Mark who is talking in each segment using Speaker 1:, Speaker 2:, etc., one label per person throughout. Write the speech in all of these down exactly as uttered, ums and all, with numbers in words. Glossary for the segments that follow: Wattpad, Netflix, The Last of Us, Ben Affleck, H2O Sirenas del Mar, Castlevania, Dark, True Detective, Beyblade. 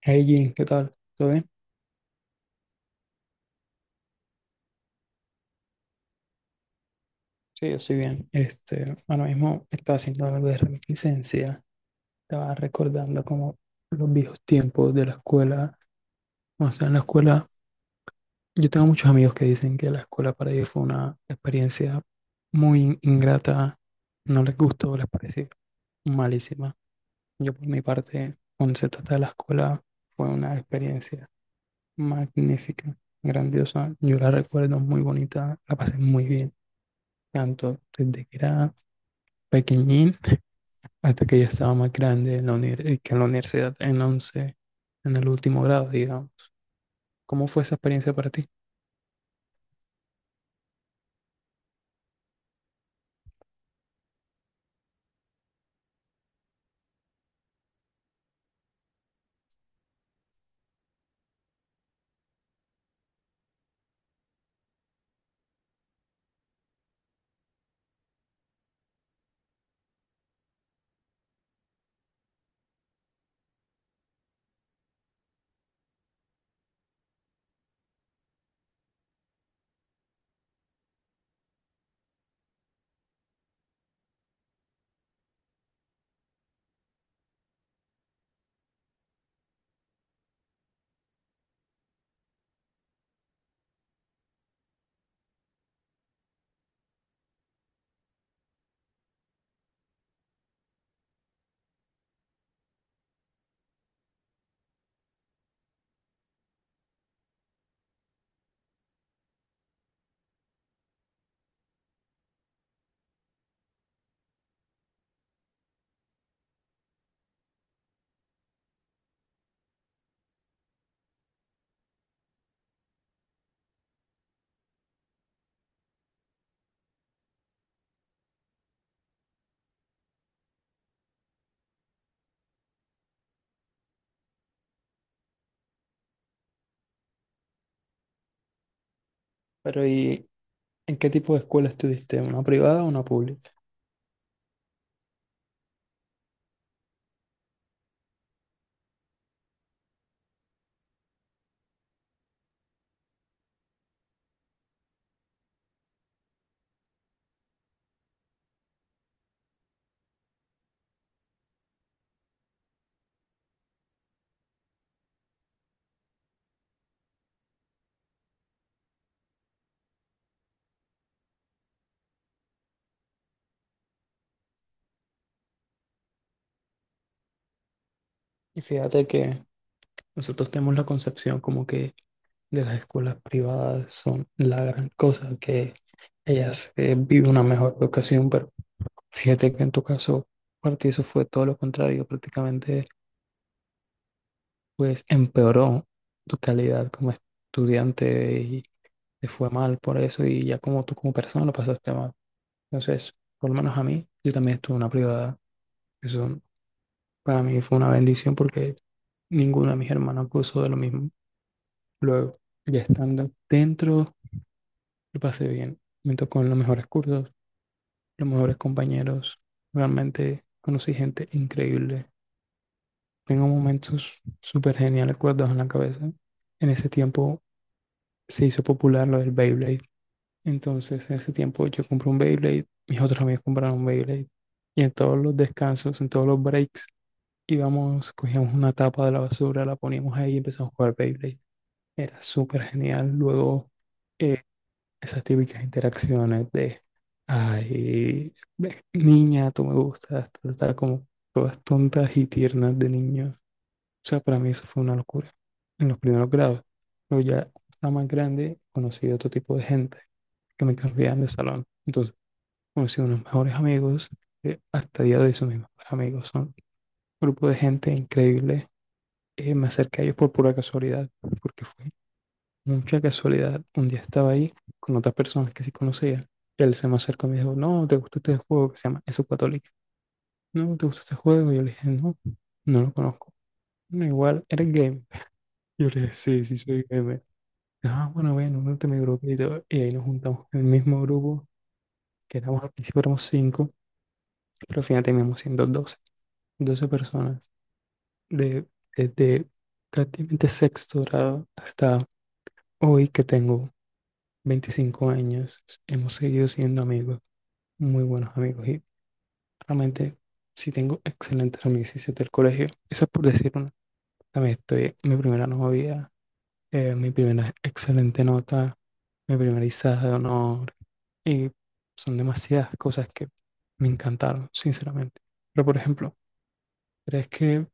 Speaker 1: Hey Jim, ¿qué tal? ¿Todo bien? Sí, yo estoy bien. Este, ahora mismo estaba haciendo algo de reminiscencia. Estaba recordando como los viejos tiempos de la escuela. O sea, en la escuela, yo tengo muchos amigos que dicen que la escuela para ellos fue una experiencia muy ingrata. No les gustó, les pareció malísima. Yo por mi parte, cuando se trata de la escuela, fue una experiencia magnífica, grandiosa. Yo la recuerdo muy bonita, la pasé muy bien tanto desde que era pequeñín hasta que ya estaba más grande en la uni- eh, que en la universidad, en la once, en el último grado, digamos. ¿Cómo fue esa experiencia para ti? Pero ¿y en qué tipo de escuela estuviste? ¿Una privada o una pública? Y fíjate que nosotros tenemos la concepción como que de las escuelas privadas son la gran cosa, que ellas eh, viven una mejor educación, pero fíjate que en tu caso, para ti eso fue todo lo contrario, prácticamente pues empeoró tu calidad como estudiante y te fue mal por eso y ya como tú como persona lo pasaste mal. Entonces, por lo menos a mí, yo también estuve en una privada. Eso para mí fue una bendición porque ninguno de mis hermanos gozó de lo mismo. Luego, ya estando dentro, lo pasé bien. Me tocó en los mejores cursos, los mejores compañeros. Realmente conocí gente increíble. Tengo momentos súper geniales guardados en la cabeza. En ese tiempo se hizo popular lo del Beyblade. Entonces, en ese tiempo yo compré un Beyblade, mis otros amigos compraron un Beyblade. Y en todos los descansos, en todos los breaks, íbamos, cogíamos una tapa de la basura, la poníamos ahí y empezamos a jugar Beyblade. Era súper genial. Luego, eh, esas típicas interacciones de, ay, ve- niña, tú me gustas, tú estás como todas tontas y tiernas de niños. O sea, para mí eso fue una locura en los primeros grados. Pero ya, la más grande, conocí otro tipo de gente que me cambiaban de salón. Entonces, conocí unos mejores amigos, eh, hasta el día de hoy son mis mejores amigos, son un grupo de gente increíble. Eh, me acerqué a ellos por pura casualidad, porque fue mucha casualidad. Un día estaba ahí con otras personas que sí conocía. Él se me acercó y me dijo, no, ¿te gusta este juego que se llama Eso Católica? No, ¿te gusta este juego? Y yo le dije, no, no lo conozco. No, igual, eres gamer, yo le dije, sí, sí, soy gamer. Ah, bueno, bueno, únete a mi grupo y todo. Y ahí nos juntamos en el mismo grupo, que éramos, al principio éramos cinco. Pero fíjate, mismo siendo doce doce personas de, desde prácticamente sexto grado hasta hoy que tengo veinticinco años, hemos seguido siendo amigos, muy buenos amigos, y realmente sí tengo excelentes amistades del colegio. Eso es por decir una. También estoy mi primera novia, eh, mi primera excelente nota, mi primera izada de honor, y son demasiadas cosas que me encantaron, sinceramente. Pero por ejemplo, ¿crees que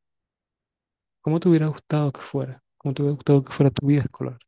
Speaker 1: ¿cómo te hubiera gustado que fuera? ¿Cómo te hubiera gustado que fuera tu vida escolar?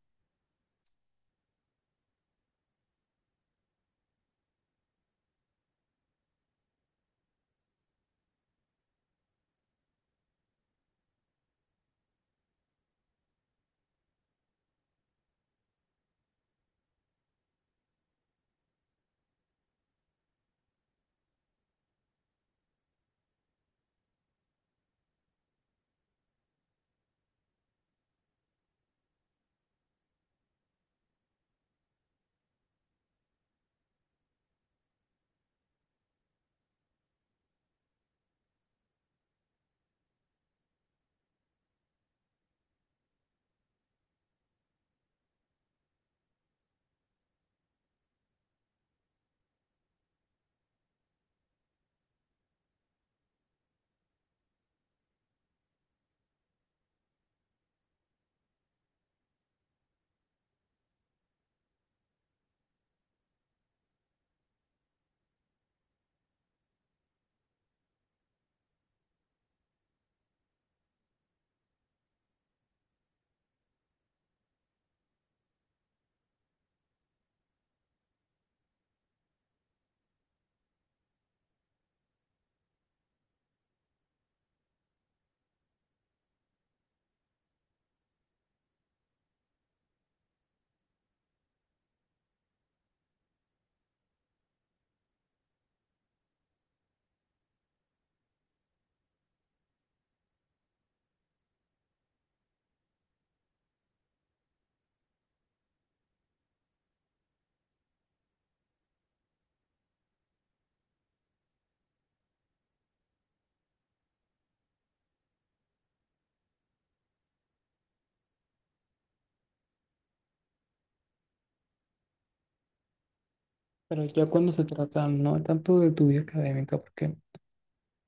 Speaker 1: Pero ya cuando se trata no tanto de tu vida académica, porque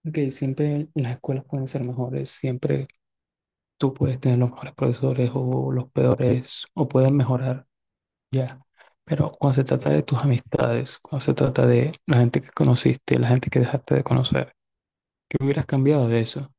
Speaker 1: ok, siempre las escuelas pueden ser mejores, siempre tú puedes tener los mejores profesores o los peores, o pueden mejorar, ya. Pero cuando se trata de tus amistades, cuando se trata de la gente que conociste, la gente que dejaste de conocer, ¿qué hubieras cambiado de eso?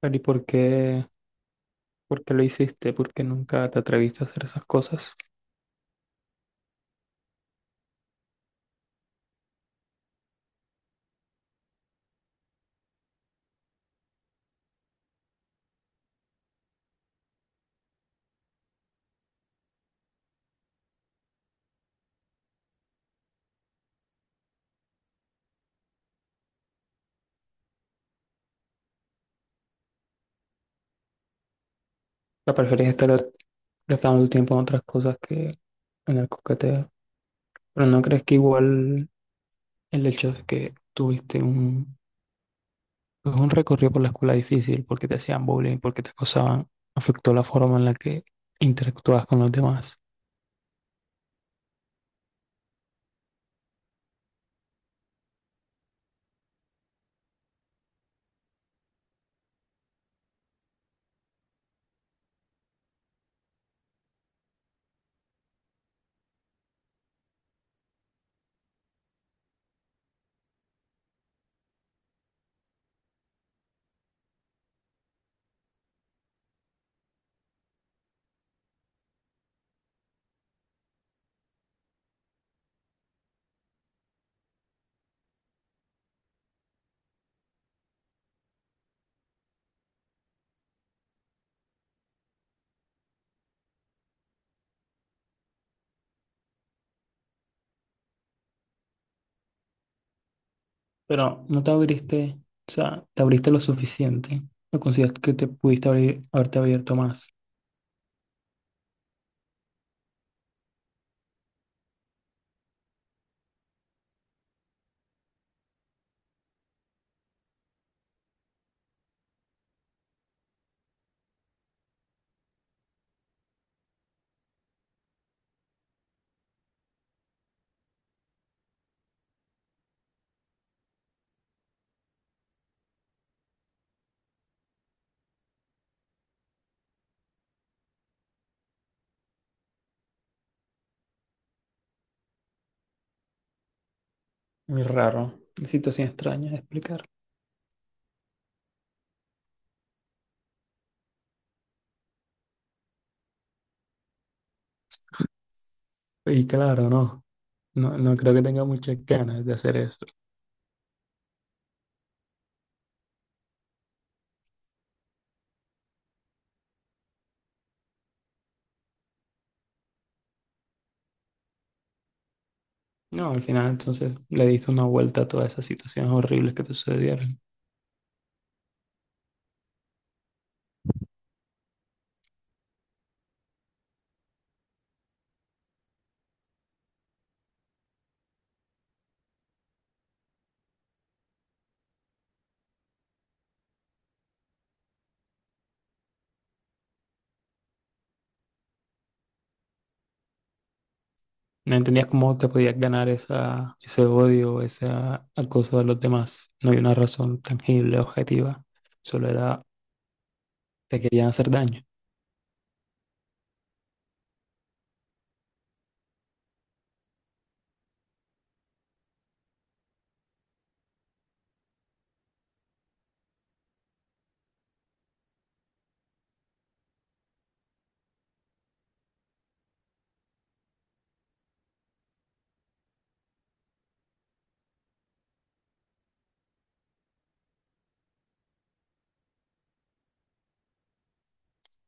Speaker 1: Pero ¿y por qué, por qué lo hiciste? ¿Por qué nunca te atreviste a hacer esas cosas? La preferís estar gastando tu tiempo en otras cosas que en el coqueteo. Pero ¿no crees que igual el hecho de que tuviste un, pues, un recorrido por la escuela difícil, porque te hacían bullying, porque te acosaban, afectó la forma en la que interactuabas con los demás? Pero no te abriste, o sea, te abriste lo suficiente. ¿No consideras que te pudiste abrir, haberte abierto más? Muy raro, una situación extraña de explicar. Y claro, no, no, no creo que tenga muchas ganas de hacer eso. No, al final entonces le diste una vuelta a todas esas situaciones horribles que te sucedieron. No entendías cómo te podías ganar esa, ese odio, ese acoso de los demás. No hay una razón tangible, objetiva. Solo era, te querían hacer daño.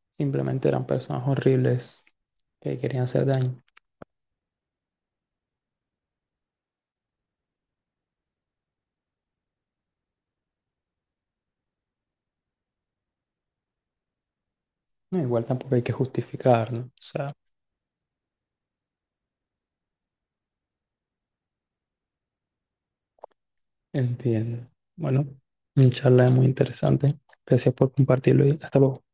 Speaker 1: Simplemente eran personas horribles que querían hacer daño. No, igual tampoco hay que justificar, ¿no? O sea, entiendo. Bueno, una charla muy interesante. Gracias por compartirlo y hasta luego.